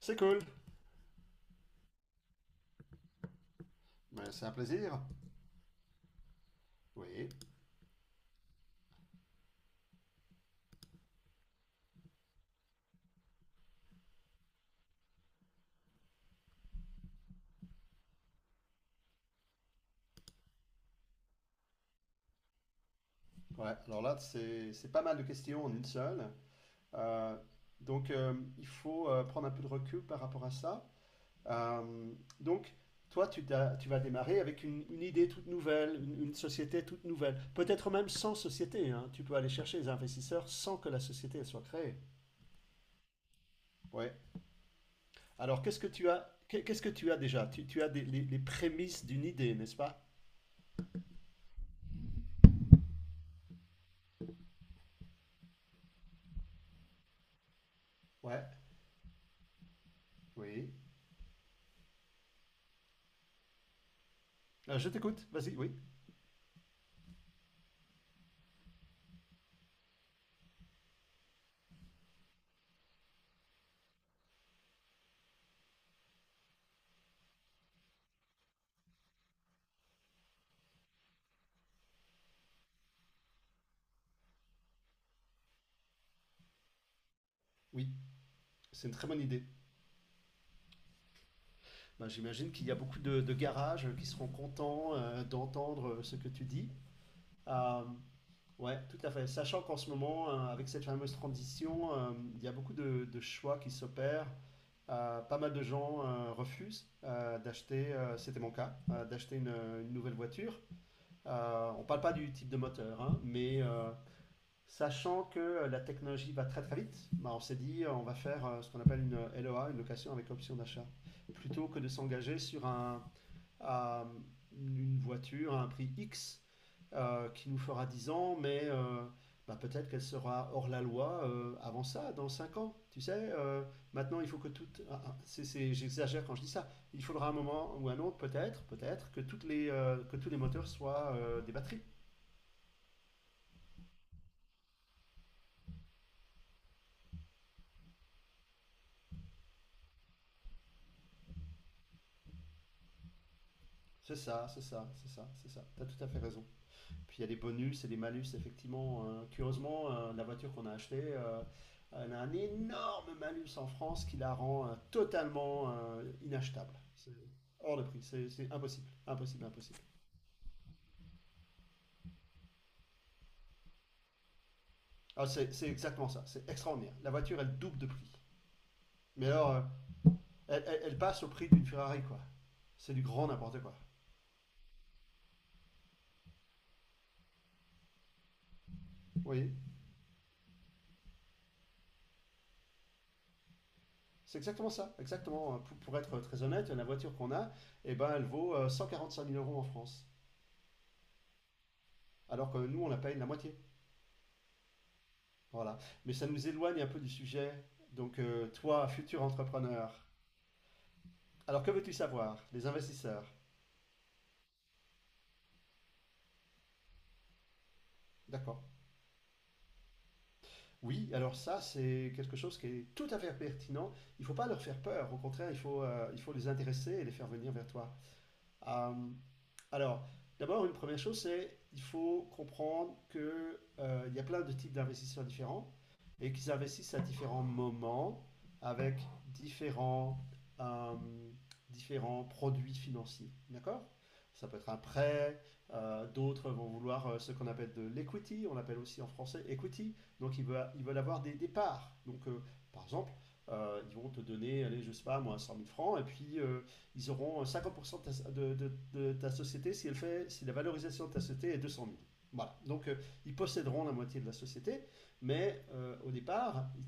C'est cool. Ben, c'est un plaisir. Oui. Ouais, alors là, c'est pas mal de questions en une seule. Euh, donc, il faut prendre un peu de recul par rapport à ça. Euh, donc, toi, tu, tu vas démarrer avec une idée toute nouvelle, une société toute nouvelle. Peut-être même sans société, hein. Tu peux aller chercher les investisseurs sans que la société, elle soit créée. Ouais. Alors, qu'est-ce que tu as, qu'est-ce que tu as déjà? Tu as les prémices d'une idée, n'est-ce pas? Ouais. Oui. Je t'écoute. Vas-y. Oui. Oui. C'est une très bonne idée. Ben, j'imagine qu'il y a beaucoup de garages qui seront contents d'entendre ce que tu dis. Euh, ouais, tout à fait. Sachant qu'en ce moment, avec cette fameuse transition, il y a beaucoup de choix qui s'opèrent. Pas mal de gens refusent d'acheter, c'était mon cas, d'acheter une nouvelle voiture. On parle pas du type de moteur, hein, mais, sachant que la technologie va très très vite, bah, on s'est dit on va faire ce qu'on appelle une LOA, une location avec option d'achat, plutôt que de s'engager sur à une voiture à un prix X qui nous fera 10 ans, mais bah, peut-être qu'elle sera hors la loi avant ça, dans 5 ans. Tu sais, maintenant il faut que toutes, ah, ah, j'exagère quand je dis ça. Il faudra un moment ou un autre, peut-être, peut-être, que, toutes les, que tous les moteurs soient des batteries. C'est ça, c'est ça, c'est ça, c'est ça. Tu as tout à fait raison. Puis il y a des bonus et des malus, effectivement. Curieusement, la voiture qu'on a achetée, elle a un énorme malus en France qui la rend totalement inachetable. C'est hors de prix, c'est impossible, impossible, impossible. Ah, c'est exactement ça, c'est extraordinaire. La voiture, elle double de prix. Mais alors, elle passe au prix d'une Ferrari, quoi. C'est du grand n'importe quoi. Vous voyez. C'est exactement ça, exactement. Pour être très honnête, la voiture qu'on a, eh ben, elle vaut 145 000 euros en France. Alors que nous, on la paye la moitié. Voilà. Mais ça nous éloigne un peu du sujet. Donc, toi, futur entrepreneur, alors que veux-tu savoir? Les investisseurs. D'accord. Oui, alors ça, c'est quelque chose qui est tout à fait pertinent. Il ne faut pas leur faire peur. Au contraire, il faut les intéresser et les faire venir vers toi. Euh, alors, d'abord, une première chose, c'est il faut comprendre que il y a plein de types d'investisseurs différents et qu'ils investissent à différents moments avec différents, euh, différents produits financiers. D'accord? Ça peut être un prêt, d'autres vont vouloir ce qu'on appelle de l'equity, on l'appelle aussi en français equity, donc ils veulent avoir des parts. Donc par exemple, ils vont te donner, allez, je sais pas moi, 100 000 francs, et puis ils auront 50% de ta société si, si la valorisation de ta société est 200 000. Voilà. Donc, ils posséderont la moitié de la société, mais au départ, ils,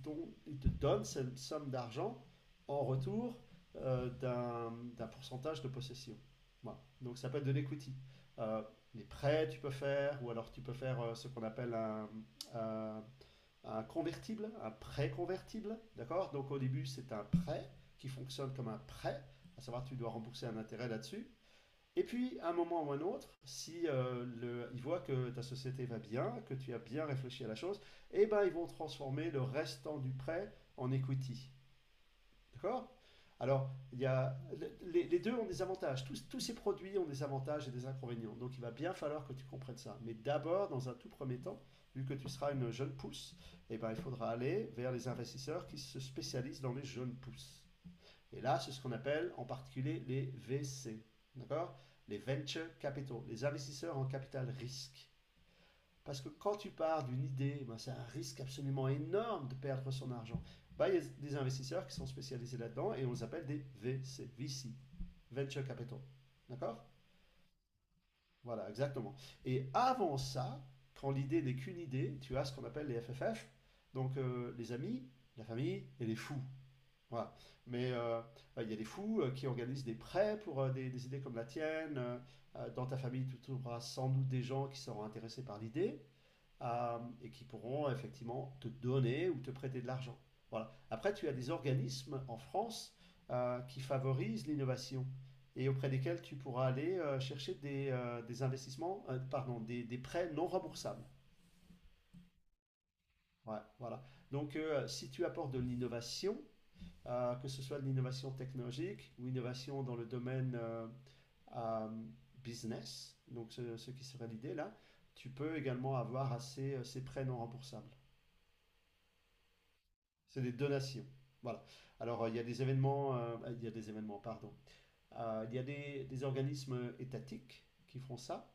ils te donnent cette somme d'argent en retour d'un pourcentage de possession. Voilà. Donc, ça s'appelle de l'equity. Euh, les prêts, tu peux faire, ou alors tu peux faire ce qu'on appelle un- un convertible, un prêt convertible. D'accord? Donc, au début, c'est un prêt qui fonctionne comme un prêt à savoir tu dois rembourser un intérêt là-dessus. Et puis, à un moment ou un autre, si ils voient que ta société va bien, que tu as bien réfléchi à la chose, eh ben, ils vont transformer le restant du prêt en equity. D'accord? Alors, les deux ont des avantages. Tous ces produits ont des avantages et des inconvénients. Donc, il va bien falloir que tu comprennes ça. Mais d'abord, dans un tout premier temps, vu que tu seras une jeune pousse, eh ben, il faudra aller vers les investisseurs qui se spécialisent dans les jeunes pousses. Et là, c'est ce qu'on appelle en particulier les VC, d'accord? Les venture capital, les investisseurs en capital risque. Parce que quand tu pars d'une idée, ben c'est un risque absolument énorme de perdre son argent. Ben, il y a des investisseurs qui sont spécialisés là-dedans et on les appelle des VC, VC, venture capital, d'accord? Voilà, exactement. Et avant ça, quand l'idée n'est qu'une idée, tu as ce qu'on appelle les FFF, donc les amis, la famille et les fous. Voilà. Mais bah, il y a des fous qui organisent des prêts pour des idées comme la tienne. Dans ta famille, tu trouveras sans doute des gens qui seront intéressés par l'idée et qui pourront effectivement te donner ou te prêter de l'argent. Voilà. Après, tu as des organismes en France qui favorisent l'innovation et auprès desquels tu pourras aller chercher des investissements, pardon, des prêts non remboursables. Ouais, voilà. Donc, si tu apportes de l'innovation, que ce soit de l'innovation technologique ou innovation dans le domaine euh, business, donc ce qui serait l'idée là, tu peux également avoir assez ces prêts non remboursables. C'est des donations. Voilà. Alors, il y a des événements, il y a des événements, pardon. Il y a des organismes étatiques qui font ça.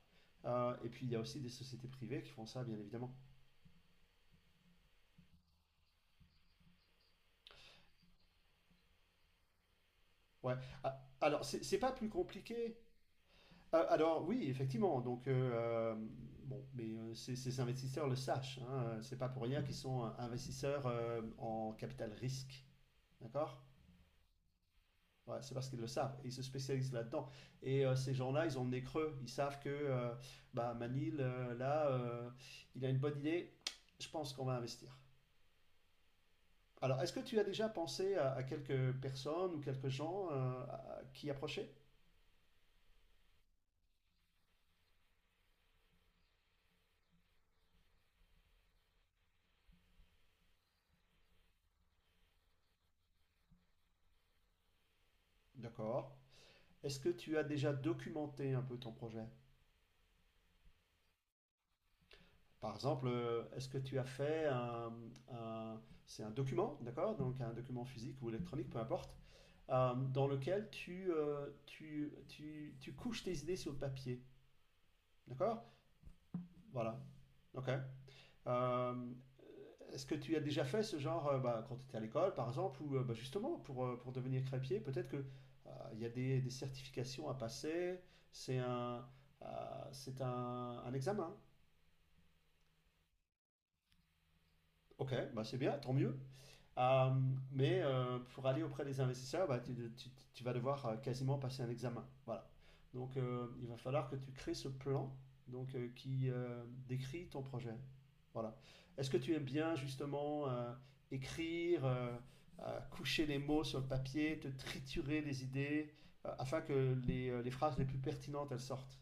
Et puis, il y a aussi des sociétés privées qui font ça, bien évidemment. Ouais. Ah, alors, c'est pas plus compliqué. Ah, alors oui, effectivement. Donc bon, mais ces investisseurs le sachent, hein, c'est pas pour rien qu'ils sont investisseurs en capital risque, d'accord? Ouais, c'est parce qu'ils le savent et ils se spécialisent là-dedans. Et ces gens-là, ils ont le nez creux. Ils savent que bah Manil, là, il a une bonne idée. Je pense qu'on va investir. Alors, est-ce que tu as déjà pensé à quelques personnes ou quelques gens à qui approcher? D'accord. Est-ce que tu as déjà documenté un peu ton projet? Par exemple, est-ce que tu as fait un- c'est un document, d'accord? Donc un document physique ou électronique, peu importe, dans lequel tu couches tes idées sur le papier, d'accord? Voilà, ok. Euh, Est-ce que tu as déjà fait ce genre, bah, quand tu étais à l'école, par exemple, ou bah, justement pour devenir crêpier, peut-être que il y a des certifications à passer, c'est un, c'est un examen. Ok, bah c'est bien, tant mieux. Euh, mais pour aller auprès des investisseurs, bah, tu vas devoir quasiment passer un examen. Voilà. Donc, il va falloir que tu crées ce plan donc, qui décrit ton projet. Voilà. Est-ce que tu aimes bien justement écrire, coucher les mots sur le papier, te triturer les idées afin que les phrases les plus pertinentes elles sortent?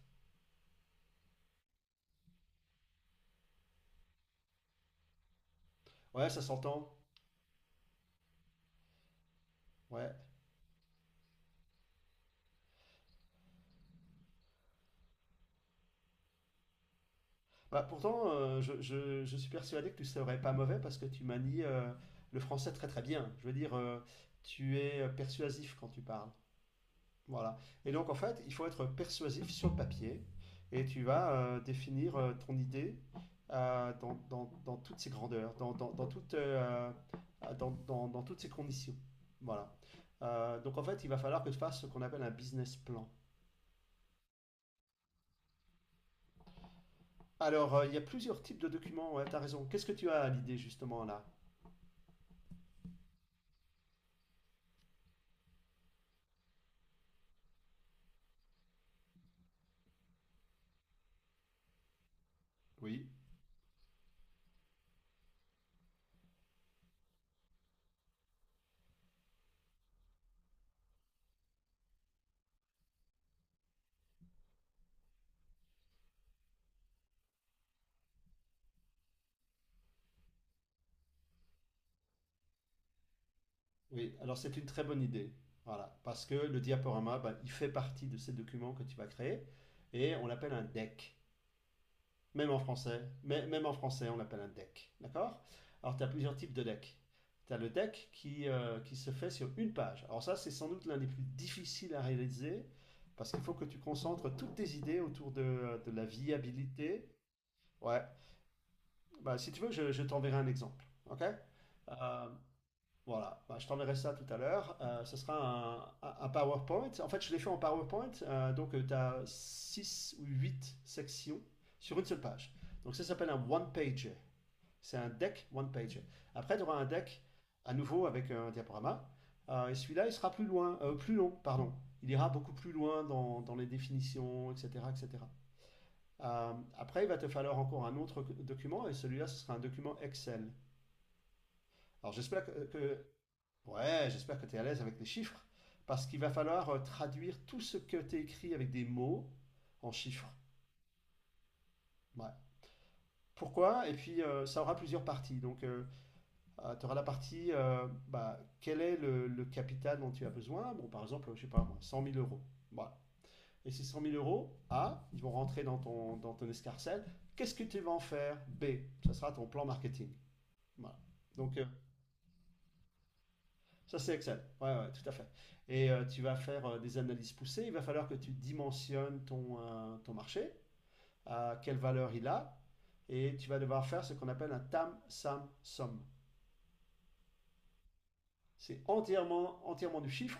Ouais, ça s'entend. Ouais. Bah, pourtant, je suis persuadé que tu serais pas mauvais parce que tu manies le français très très bien. Je veux dire, tu es persuasif quand tu parles. Voilà. Et donc, en fait, il faut être persuasif sur le papier et tu vas définir ton idée dans, dans toutes ses grandeurs, dans, dans toutes, dans, dans toutes ses conditions. Voilà. Donc, en fait, il va falloir que tu fasses ce qu'on appelle un business plan. Alors, il y a plusieurs types de documents, ouais, tu as raison. Qu'est-ce que tu as à l'idée justement là? Oui. Oui, alors c'est une très bonne idée. Voilà, parce que le diaporama, ben, il fait partie de ces documents que tu vas créer et on l'appelle un deck. Même en français, même en français, on l'appelle un deck. D'accord? Alors, tu as plusieurs types de decks. Tu as le deck qui se fait sur une page. Alors, ça, c'est sans doute l'un des plus difficiles à réaliser parce qu'il faut que tu concentres toutes tes idées autour de la viabilité. Ouais, bah, si tu veux, je t'enverrai un exemple. Ok? Euh, voilà, bah, je t'enverrai ça tout à l'heure. Ce sera un PowerPoint. En fait, je l'ai fait en PowerPoint. Donc, tu as 6 ou 8 sections sur une seule page. Donc, ça s'appelle un one-pager. C'est un deck one-pager. Après, tu auras un deck à nouveau avec un diaporama. Et celui-là, il sera plus loin, plus long, pardon. Il ira beaucoup plus loin dans les définitions, etc., etc. Après, il va te falloir encore un autre document, et celui-là, ce sera un document Excel. Alors, j'espère que, que. Ouais, j'espère que tu es à l'aise avec les chiffres, parce qu'il va falloir traduire tout ce que tu écrit avec des mots en chiffres. Ouais. Pourquoi? Et puis, ça aura plusieurs parties. Donc, tu auras la partie, bah, quel est le capital dont tu as besoin? Bon, par exemple, je sais pas moi, 100 000 euros. Voilà. Et ces 100 000 euros, A, ils vont rentrer dans ton escarcelle. Qu'est-ce que tu vas en faire? B, ça sera ton plan marketing. Voilà. Donc, ça, c'est Excel. Ouais, ouais, tout à fait. Et tu vas faire des analyses poussées. Il va falloir que tu dimensionnes ton marché, à quelle valeur il a, et tu vas devoir faire ce qu'on appelle un TAM, SAM, SOM. C'est entièrement, entièrement du chiffre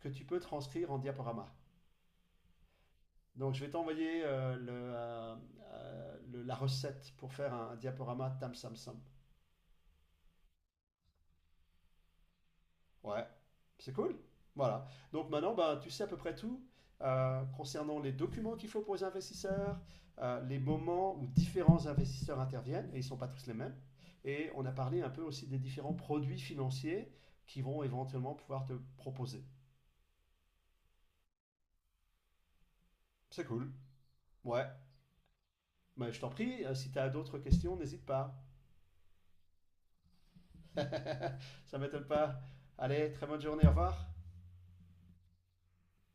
que tu peux transcrire en diaporama. Donc, je vais t'envoyer la recette pour faire un diaporama TAM, SAM, SOM. Ouais, c'est cool. Voilà. Donc maintenant, ben, tu sais à peu près tout concernant les documents qu'il faut pour les investisseurs, les moments où différents investisseurs interviennent, et ils ne sont pas tous les mêmes. Et on a parlé un peu aussi des différents produits financiers qui vont éventuellement pouvoir te proposer. C'est cool. Ouais. Mais je t'en prie, si tu as d'autres questions, n'hésite pas. Ça m'étonne pas. Allez, très bonne journée, au revoir.